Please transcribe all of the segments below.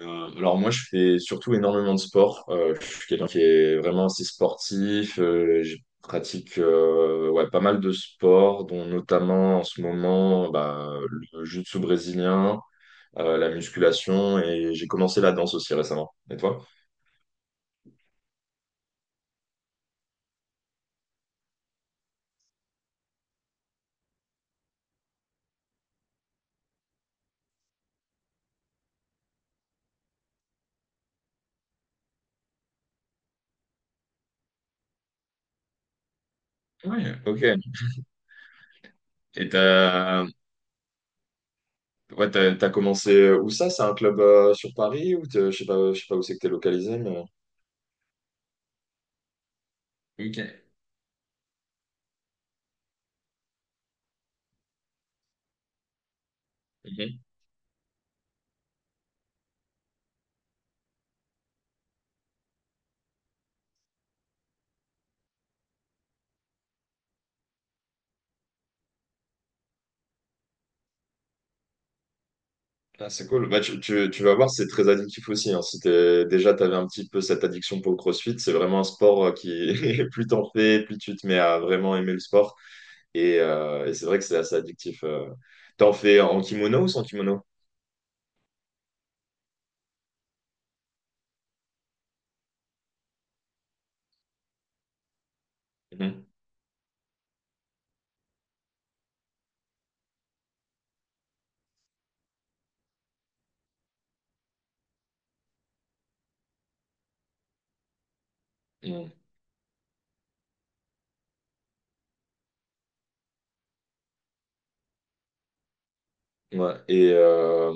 Alors moi, je fais surtout énormément de sport. Je suis quelqu'un qui est vraiment assez sportif. Je pratique ouais, pas mal de sports, dont notamment en ce moment bah, le jiu-jitsu brésilien, la musculation, et j'ai commencé la danse aussi récemment. Et toi? Oui, ok. Et t'as Ouais, t'as commencé où ça? C'est un club sur Paris ou je sais pas, où c'est que t'es localisé, mais... Ok. Ah, c'est cool. Bah, tu vas voir, c'est très addictif aussi, hein. Si déjà, tu avais un petit peu cette addiction pour le CrossFit, c'est vraiment un sport qui, plus t'en fais, plus tu te mets à vraiment aimer le sport. Et c'est vrai que c'est assez addictif. T'en fais en kimono ou sans kimono? Mhm. Mhm. Ouais. Et euh,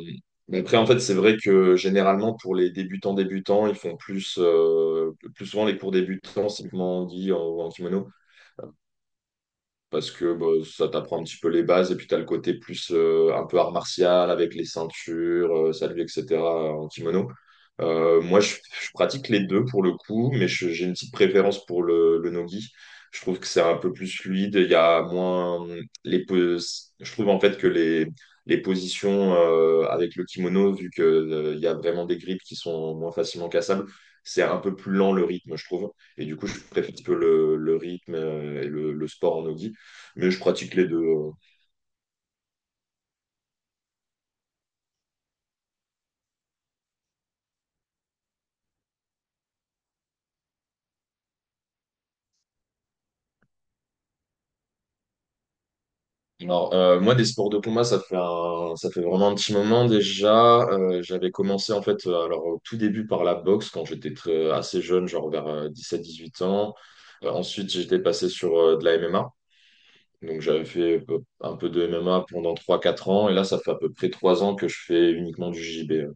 mais après, en fait, c'est vrai que généralement, pour les débutants débutants, ils font plus souvent les cours débutants, simplement dit, en kimono. Parce que bah, ça t'apprend un petit peu les bases et puis t'as le côté plus un peu art martial avec les ceintures, salut, etc. En kimono. Moi, je pratique les deux pour le coup, mais j'ai une petite préférence pour le nogi. Je trouve que c'est un peu plus fluide. Il y a moins les pos- Je trouve en fait que les positions avec le kimono, vu que il y a vraiment des grips qui sont moins facilement cassables, c'est un peu plus lent le rythme, je trouve. Et du coup, je préfère un petit peu le rythme et le sport en nogi. Mais je pratique les deux. Alors, moi, des sports de combat, ça fait ça fait vraiment un petit moment déjà. J'avais commencé, en fait, alors au tout début par la boxe quand j'étais assez jeune, genre vers 17, 18 ans. Ensuite, j'étais passé sur de la MMA. Donc, j'avais fait un peu de MMA pendant 3, 4 ans. Et là, ça fait à peu près 3 ans que je fais uniquement du JB.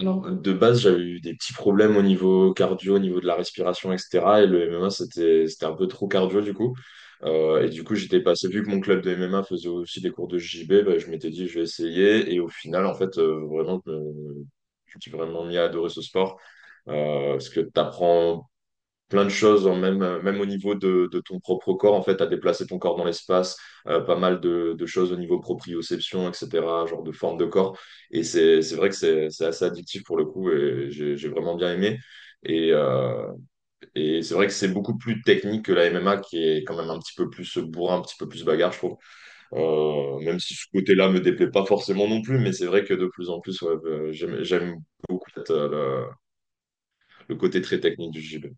Alors, de base, j'avais eu des petits problèmes au niveau cardio, au niveau de la respiration, etc. Et le MMA, c'était un peu trop cardio, du coup. Et du coup, j'étais passé, vu que mon club de MMA faisait aussi des cours de JB, bah, je m'étais dit, je vais essayer. Et au final, en fait, vraiment, je me suis vraiment mis à adorer ce sport. Parce que tu apprends plein de choses, hein, même au niveau de ton propre corps, en fait, à déplacer ton corps dans l'espace, pas mal de choses au niveau proprioception, etc., genre de forme de corps. Et c'est vrai que c'est assez addictif pour le coup, et j'ai vraiment bien aimé. Et, euh, et c'est vrai que c'est beaucoup plus technique que la MMA, qui est quand même un petit peu plus bourrin, un petit peu plus bagarre, je trouve. Même si ce côté-là me déplaît pas forcément non plus, mais c'est vrai que de plus en plus, ouais, j'aime beaucoup peut-être, le côté très technique du JB.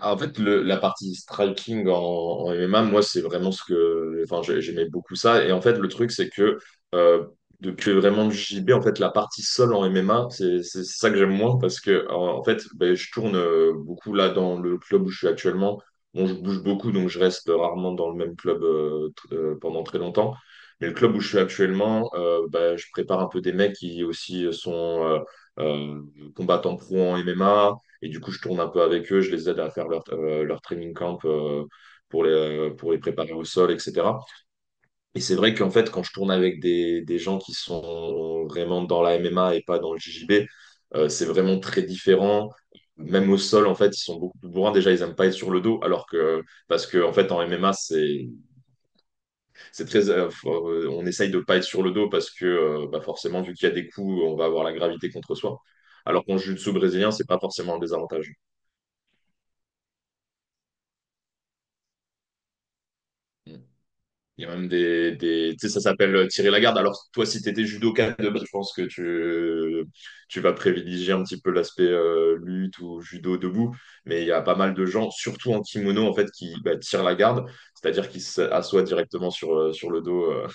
Ah, en fait, la partie striking en MMA, moi, c'est vraiment ce que. Enfin, j'aimais beaucoup ça. Et en fait, le truc, c'est que euh, depuis vraiment le JB, en fait, la partie sol en MMA, c'est ça que j'aime moins parce que, en fait, ben, je tourne beaucoup là dans le club où je suis actuellement. Bon, je bouge beaucoup, donc je reste rarement dans le même club pendant très longtemps. Mais le club où je suis actuellement, ben, je prépare un peu des mecs qui aussi sont euh, combattants pro en MMA. Et du coup, je tourne un peu avec eux, je les aide à faire leur training camp, pour les préparer au sol, etc. Et c'est vrai qu'en fait, quand je tourne avec des gens qui sont vraiment dans la MMA et pas dans le JJB, c'est vraiment très différent. Même au sol, en fait, ils sont beaucoup plus bourrins. Déjà, ils n'aiment pas être sur le dos, alors que, parce que, en fait, en MMA, c'est très, euh, on essaye de pas être sur le dos parce que, bah, forcément, vu qu'il y a des coups, on va avoir la gravité contre soi. Alors qu'en jiu-jitsu brésilien, c'est pas forcément un désavantage. Mm. Il y a même des tu sais, ça s'appelle tirer la garde. Alors, toi, si tu étais judoka de base, je pense que tu vas privilégier un petit peu l'aspect lutte ou judo debout. Mais il y a pas mal de gens, surtout en kimono, en fait, qui bah, tirent la garde, c'est-à-dire qui s'assoient directement sur le dos.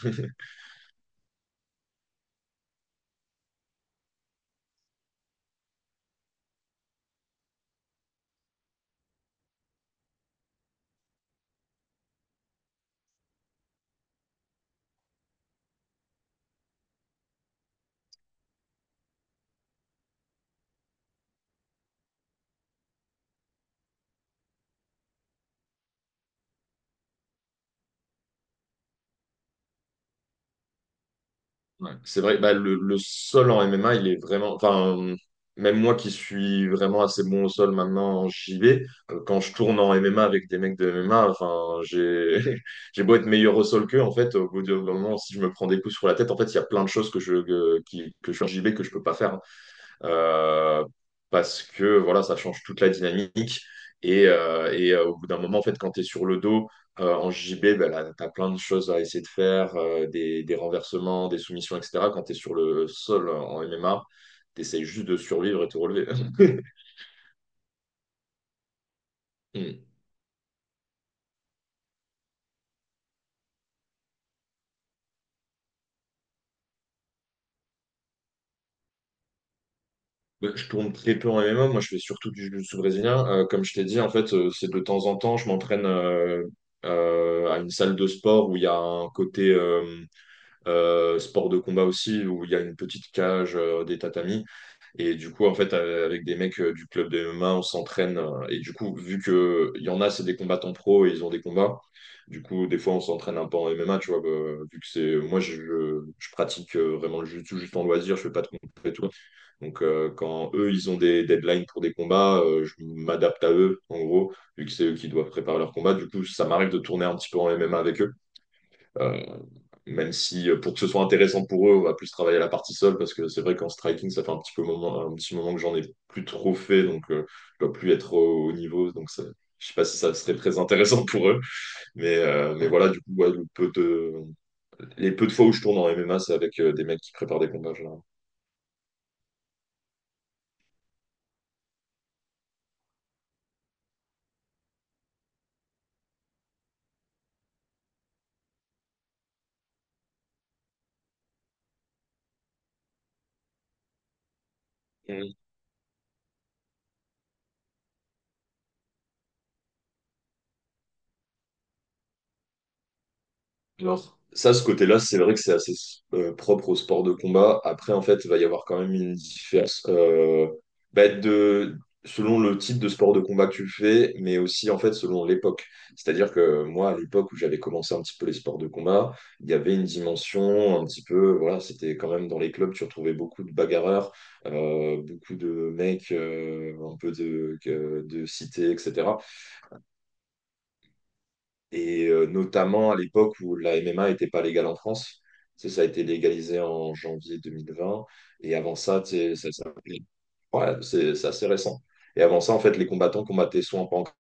Ouais, c'est vrai, bah, le sol en MMA, il est vraiment. Enfin, même moi qui suis vraiment assez bon au sol maintenant en JV, quand je tourne en MMA avec des mecs de MMA, enfin, j'ai j'ai beau être meilleur au sol qu'eux, en fait, au bout d'un moment, si je me prends des coups sur la tête, en fait, il y a plein de choses que je fais en JV que je peux pas faire euh, parce que voilà, ça change toute la dynamique. Au bout d'un moment, en fait, quand tu es sur le dos en JB, ben, là, tu as plein de choses à essayer de faire, des renversements, des soumissions, etc. Quand tu es sur le sol en MMA, tu essayes juste de survivre et te relever. Hmm. Ben, je tourne très peu en MMA, moi je fais surtout du jiu-jitsu brésilien. Comme je t'ai dit, en fait, c'est de temps en temps, je m'entraîne à une salle de sport où il y a un côté sport de combat aussi, où il y a une petite cage, des tatamis. Et du coup, en fait, avec des mecs du club de MMA, on s'entraîne. Et du coup, vu que il y en a, c'est des combattants pro et ils ont des combats, du coup, des fois, on s'entraîne un peu en MMA, tu vois, bah, vu que c'est... Moi, je pratique vraiment le jiu-jitsu juste en loisir, je fais pas de compétition et tout. Donc, quand eux, ils ont des deadlines pour des combats, je m'adapte à eux, en gros, vu que c'est eux qui doivent préparer leur combat. Du coup, ça m'arrive de tourner un petit peu en MMA avec eux. Euh, Même si pour que ce soit intéressant pour eux, on va plus travailler à la partie sol parce que c'est vrai qu'en striking, ça fait un petit moment que j'en ai plus trop fait, donc je dois plus être au niveau, donc ça, je sais pas si ça serait très intéressant pour eux, mais mais voilà, du coup, ouais, le peu de les peu de fois où je tourne en MMA, c'est avec des mecs qui préparent des combats, généralement. Non. Ça, ce côté-là, c'est vrai que c'est assez propre au sport de combat. Après, en fait, il va y avoir quand même une différence bah, de, selon le type de sport de combat que tu fais, mais aussi, en fait, selon l'époque. C'est-à-dire que moi, à l'époque où j'avais commencé un petit peu les sports de combat, il y avait une dimension un petit peu, voilà, c'était quand même dans les clubs, tu retrouvais beaucoup de bagarreurs, beaucoup de mecs, un peu de cité, etc. Et notamment à l'époque où la MMA n'était pas légale en France. Ça a été légalisé en janvier 2020. Et avant ça, tu sais, ouais, c'est assez récent. Et avant ça, en fait, les combattants combattaient soit en Pancor,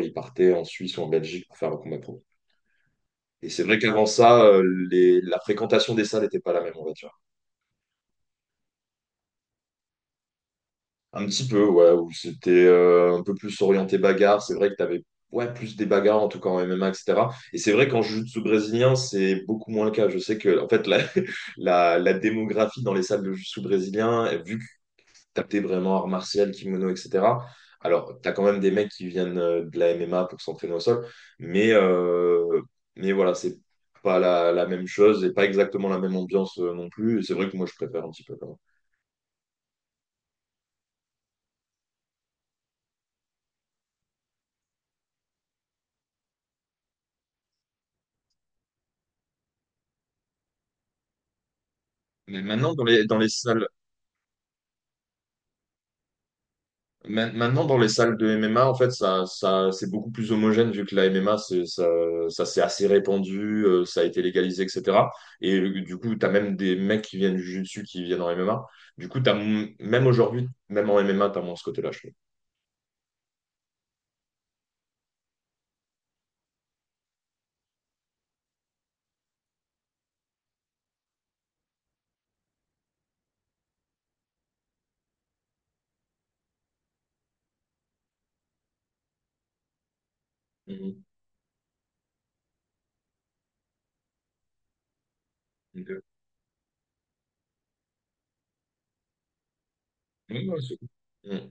ils partaient en Suisse ou en Belgique pour faire un combat pro. Et c'est vrai qu'avant ça, la fréquentation des salles n'était pas la même, on va dire. Un petit peu, ouais, où c'était un peu plus orienté bagarre. C'est vrai que tu avais ouais, plus des bagarres, en tout cas en MMA, etc. Et cetera. Et c'est vrai qu'en jiu-jitsu brésilien, c'est beaucoup moins le cas. Je sais que, en fait, la, la démographie dans les salles de jiu-jitsu brésilien, vu que tu tapais vraiment art martial, kimono, etc., alors t'as quand même des mecs qui viennent de la MMA pour s'entraîner au sol, mais, euh, mais voilà, c'est pas la même chose et pas exactement la même ambiance non plus. Et c'est vrai que moi, je préfère un petit peu quand même. Mais maintenant, dans les salles de MMA, en fait, ça, c'est beaucoup plus homogène vu que la MMA, ça s'est assez répandu, ça a été légalisé, etc. Du coup, tu as même des mecs qui viennent du jiu-jitsu qui viennent en MMA. Du coup, t'as, même aujourd'hui, même en MMA, tu as moins ce côté-là, je trouve. Mhm. Ok. Ouais, ouais, c'est cool. Mhm.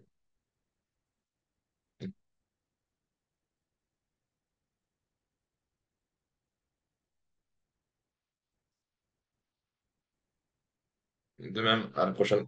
De même, à la prochaine.